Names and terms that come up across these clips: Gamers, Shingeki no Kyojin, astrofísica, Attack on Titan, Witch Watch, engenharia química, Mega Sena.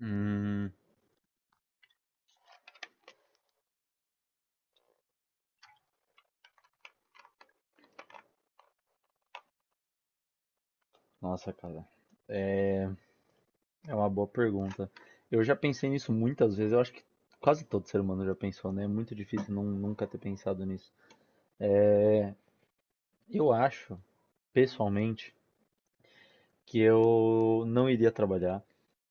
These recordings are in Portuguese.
Hum, nossa, cara, é uma boa pergunta. Eu já pensei nisso muitas vezes, eu acho que quase todo ser humano já pensou, né? É muito difícil não, nunca ter pensado nisso. Eu acho, pessoalmente, que eu não iria trabalhar,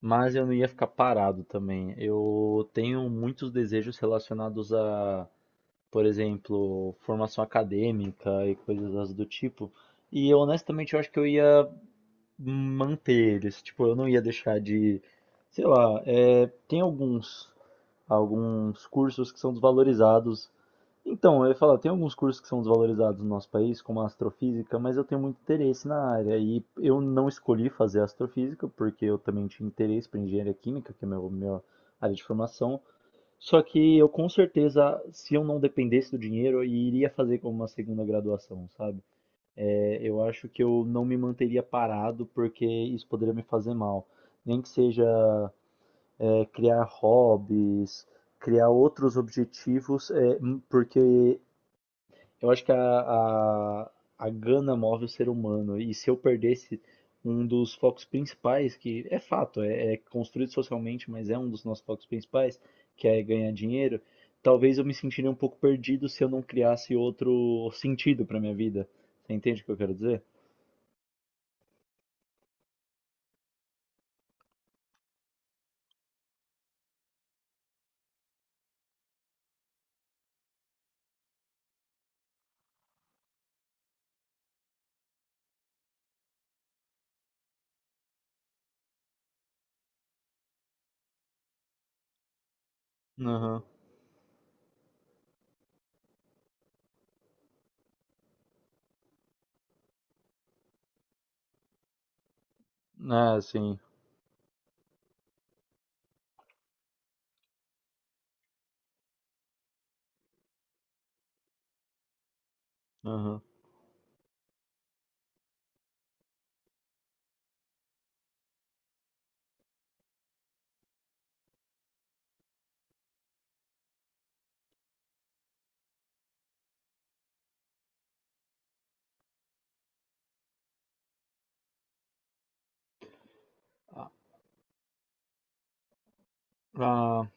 mas eu não ia ficar parado também. Eu tenho muitos desejos relacionados a, por exemplo, formação acadêmica e coisas do tipo. E honestamente, eu acho que eu ia manter eles. Tipo, eu não ia deixar de, sei lá, tem alguns cursos que são desvalorizados. Então, eu ia falar, tem alguns cursos que são desvalorizados no nosso país, como a astrofísica, mas eu tenho muito interesse na área e eu não escolhi fazer astrofísica porque eu também tinha interesse para engenharia química, que é meu minha área de formação. Só que eu, com certeza, se eu não dependesse do dinheiro, eu iria fazer como uma segunda graduação, sabe? Eu acho que eu não me manteria parado porque isso poderia me fazer mal. Nem que seja, criar hobbies, criar outros objetivos, porque eu acho que a gana move o ser humano. E se eu perdesse um dos focos principais, que é fato, é construído socialmente, mas é um dos nossos focos principais, que é ganhar dinheiro, talvez eu me sentiria um pouco perdido se eu não criasse outro sentido para minha vida. Você entende o que eu quero dizer? Aham. Ah, sim. Aham. Ah, ah,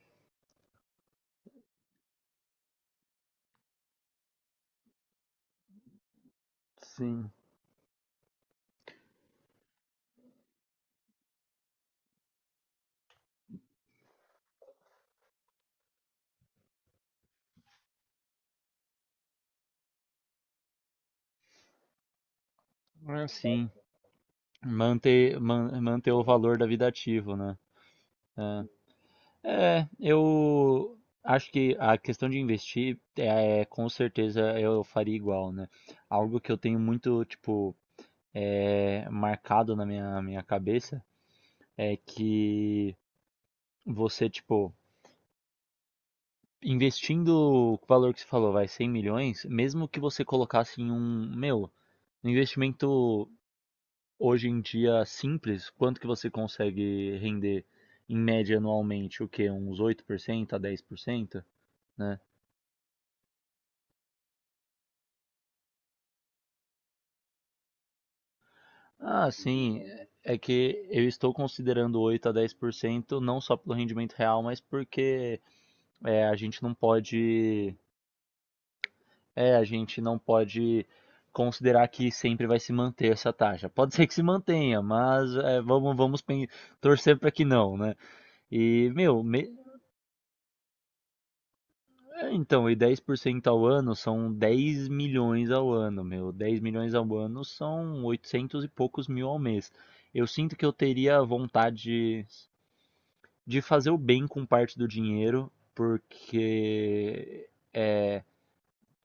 sim. Ah, sim. Manter o valor da vida ativo, né? É, eu acho que a questão de investir, com certeza eu faria igual, né? Algo que eu tenho muito, tipo, marcado na minha cabeça é que você, tipo, investindo o valor que você falou, vai 100 milhões, mesmo que você colocasse em um investimento hoje em dia simples, quanto que você consegue render em média anualmente? O quê? Uns 8% a 10%, né? Ah, sim, é que eu estou considerando 8% a 10%, não só pelo rendimento real, mas porque, a gente não pode, a gente não pode considerar que sempre vai se manter essa taxa. Pode ser que se mantenha, mas, vamos torcer para que não, né? E, meu, me- então, e 10% ao ano são 10 milhões ao ano, meu. 10 milhões ao ano são 800 e poucos mil ao mês. Eu sinto que eu teria vontade de fazer o bem com parte do dinheiro, porque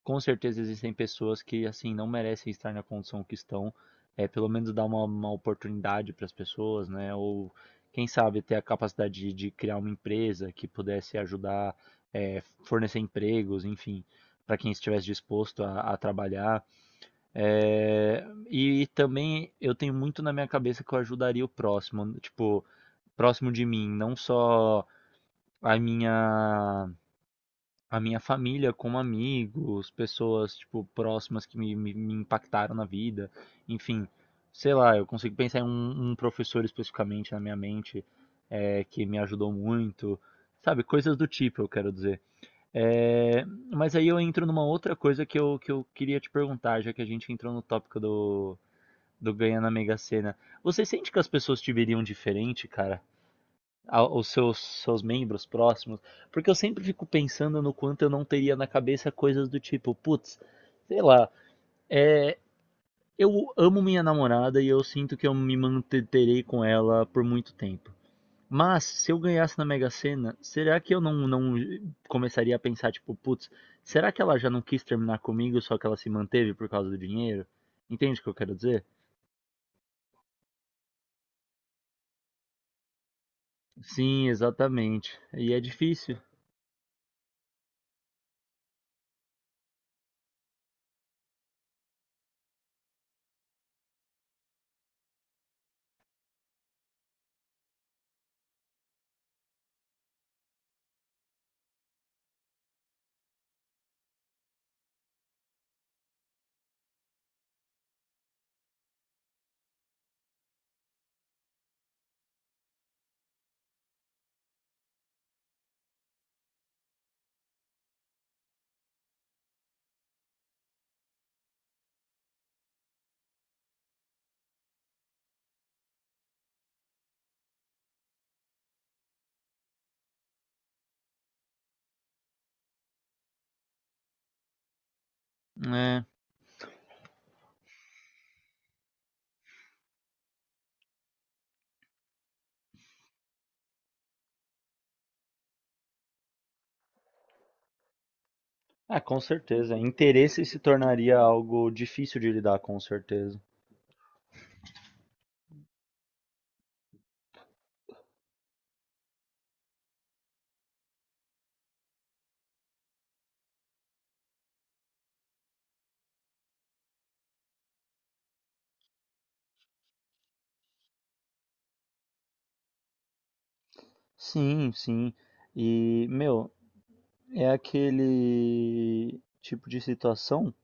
com certeza existem pessoas que assim não merecem estar na condição que estão. Pelo menos dar uma oportunidade para as pessoas, né? Ou quem sabe ter a capacidade de criar uma empresa que pudesse ajudar, fornecer empregos, enfim, para quem estivesse disposto a trabalhar. E também eu tenho muito na minha cabeça que eu ajudaria o próximo, tipo, próximo de mim, não só a minha a minha família como amigos, pessoas, tipo, próximas que me impactaram na vida. Enfim, sei lá, eu consigo pensar em um professor especificamente na minha mente, que me ajudou muito. Sabe, coisas do tipo, eu quero dizer. É, mas aí eu entro numa outra coisa que eu queria te perguntar, já que a gente entrou no tópico do ganhar na Mega Sena. Você sente que as pessoas te veriam diferente, cara? Aos seus membros próximos, porque eu sempre fico pensando no quanto eu não teria na cabeça coisas do tipo, putz, sei lá, é, eu amo minha namorada e eu sinto que eu me manterei com ela por muito tempo. Mas se eu ganhasse na Mega Sena, será que eu não começaria a pensar, tipo, putz, será que ela já não quis terminar comigo, só que ela se manteve por causa do dinheiro? Entende o que eu quero dizer? Sim, exatamente. E é difícil, né? Ah, com certeza. Interesse se tornaria algo difícil de lidar, com certeza. Sim, sim. E, meu, é aquele tipo de situação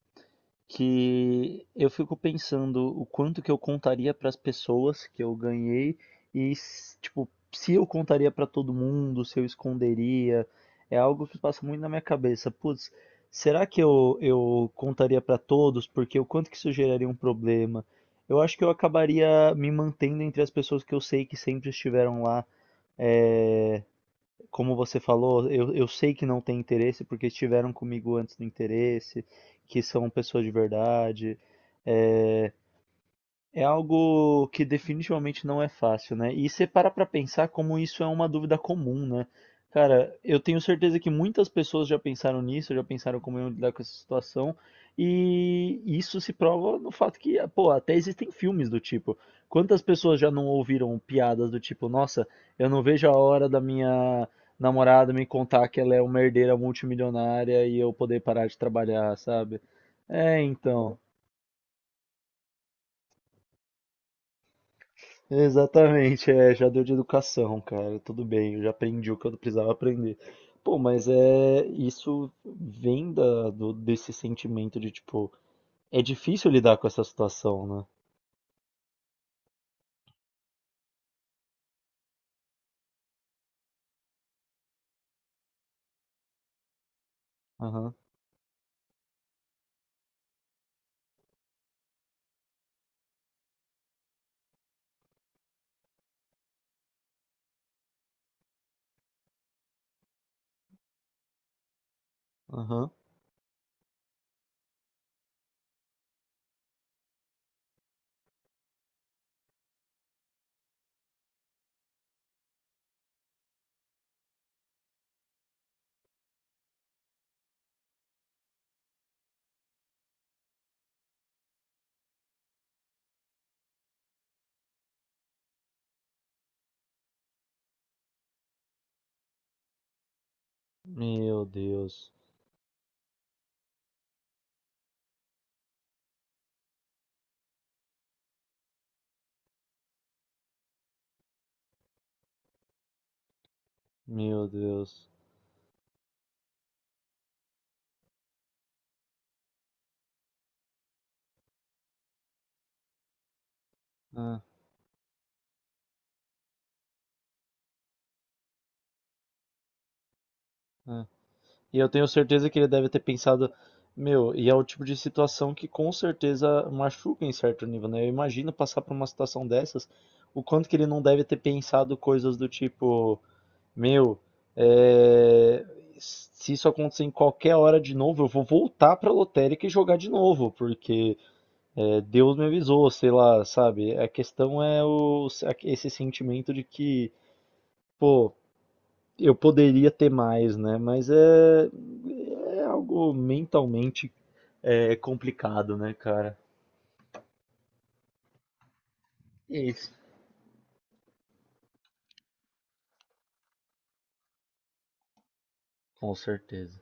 que eu fico pensando o quanto que eu contaria para as pessoas que eu ganhei, tipo, se eu contaria para todo mundo, se eu esconderia. É algo que passa muito na minha cabeça. Putz, será que eu contaria para todos? Porque o quanto que isso geraria um problema? Eu acho que eu acabaria me mantendo entre as pessoas que eu sei que sempre estiveram lá. é, como você falou, eu sei que não tem interesse porque estiveram comigo antes do interesse, que são pessoas de verdade. eh, é algo que definitivamente não é fácil, né? E você para pra pensar como isso é uma dúvida comum, né? Cara, eu tenho certeza que muitas pessoas já pensaram nisso, já pensaram como iam lidar com essa situação, e isso se prova no fato que, pô, até existem filmes do tipo. Quantas pessoas já não ouviram piadas do tipo, nossa, eu não vejo a hora da minha namorada me contar que ela é uma herdeira multimilionária e eu poder parar de trabalhar, sabe? Então. Exatamente, já deu de educação, cara, tudo bem, eu já aprendi o que eu precisava aprender. Pô, mas, isso vem desse sentimento de, tipo, é difícil lidar com essa situação, né? Aham, aham. Meu Deus, meu Deus. Ah, ah. E eu tenho certeza que ele deve ter pensado, meu, e é o tipo de situação que com certeza machuca em certo nível, né? Eu imagino passar por uma situação dessas, o quanto que ele não deve ter pensado coisas do tipo. Meu, é, se isso acontecer em qualquer hora de novo, eu vou voltar pra lotérica e jogar de novo, porque, Deus me avisou, sei lá, sabe? A questão é esse sentimento de que, pô, eu poderia ter mais, né? Mas é algo mentalmente, complicado, né, cara? Isso. Com certeza.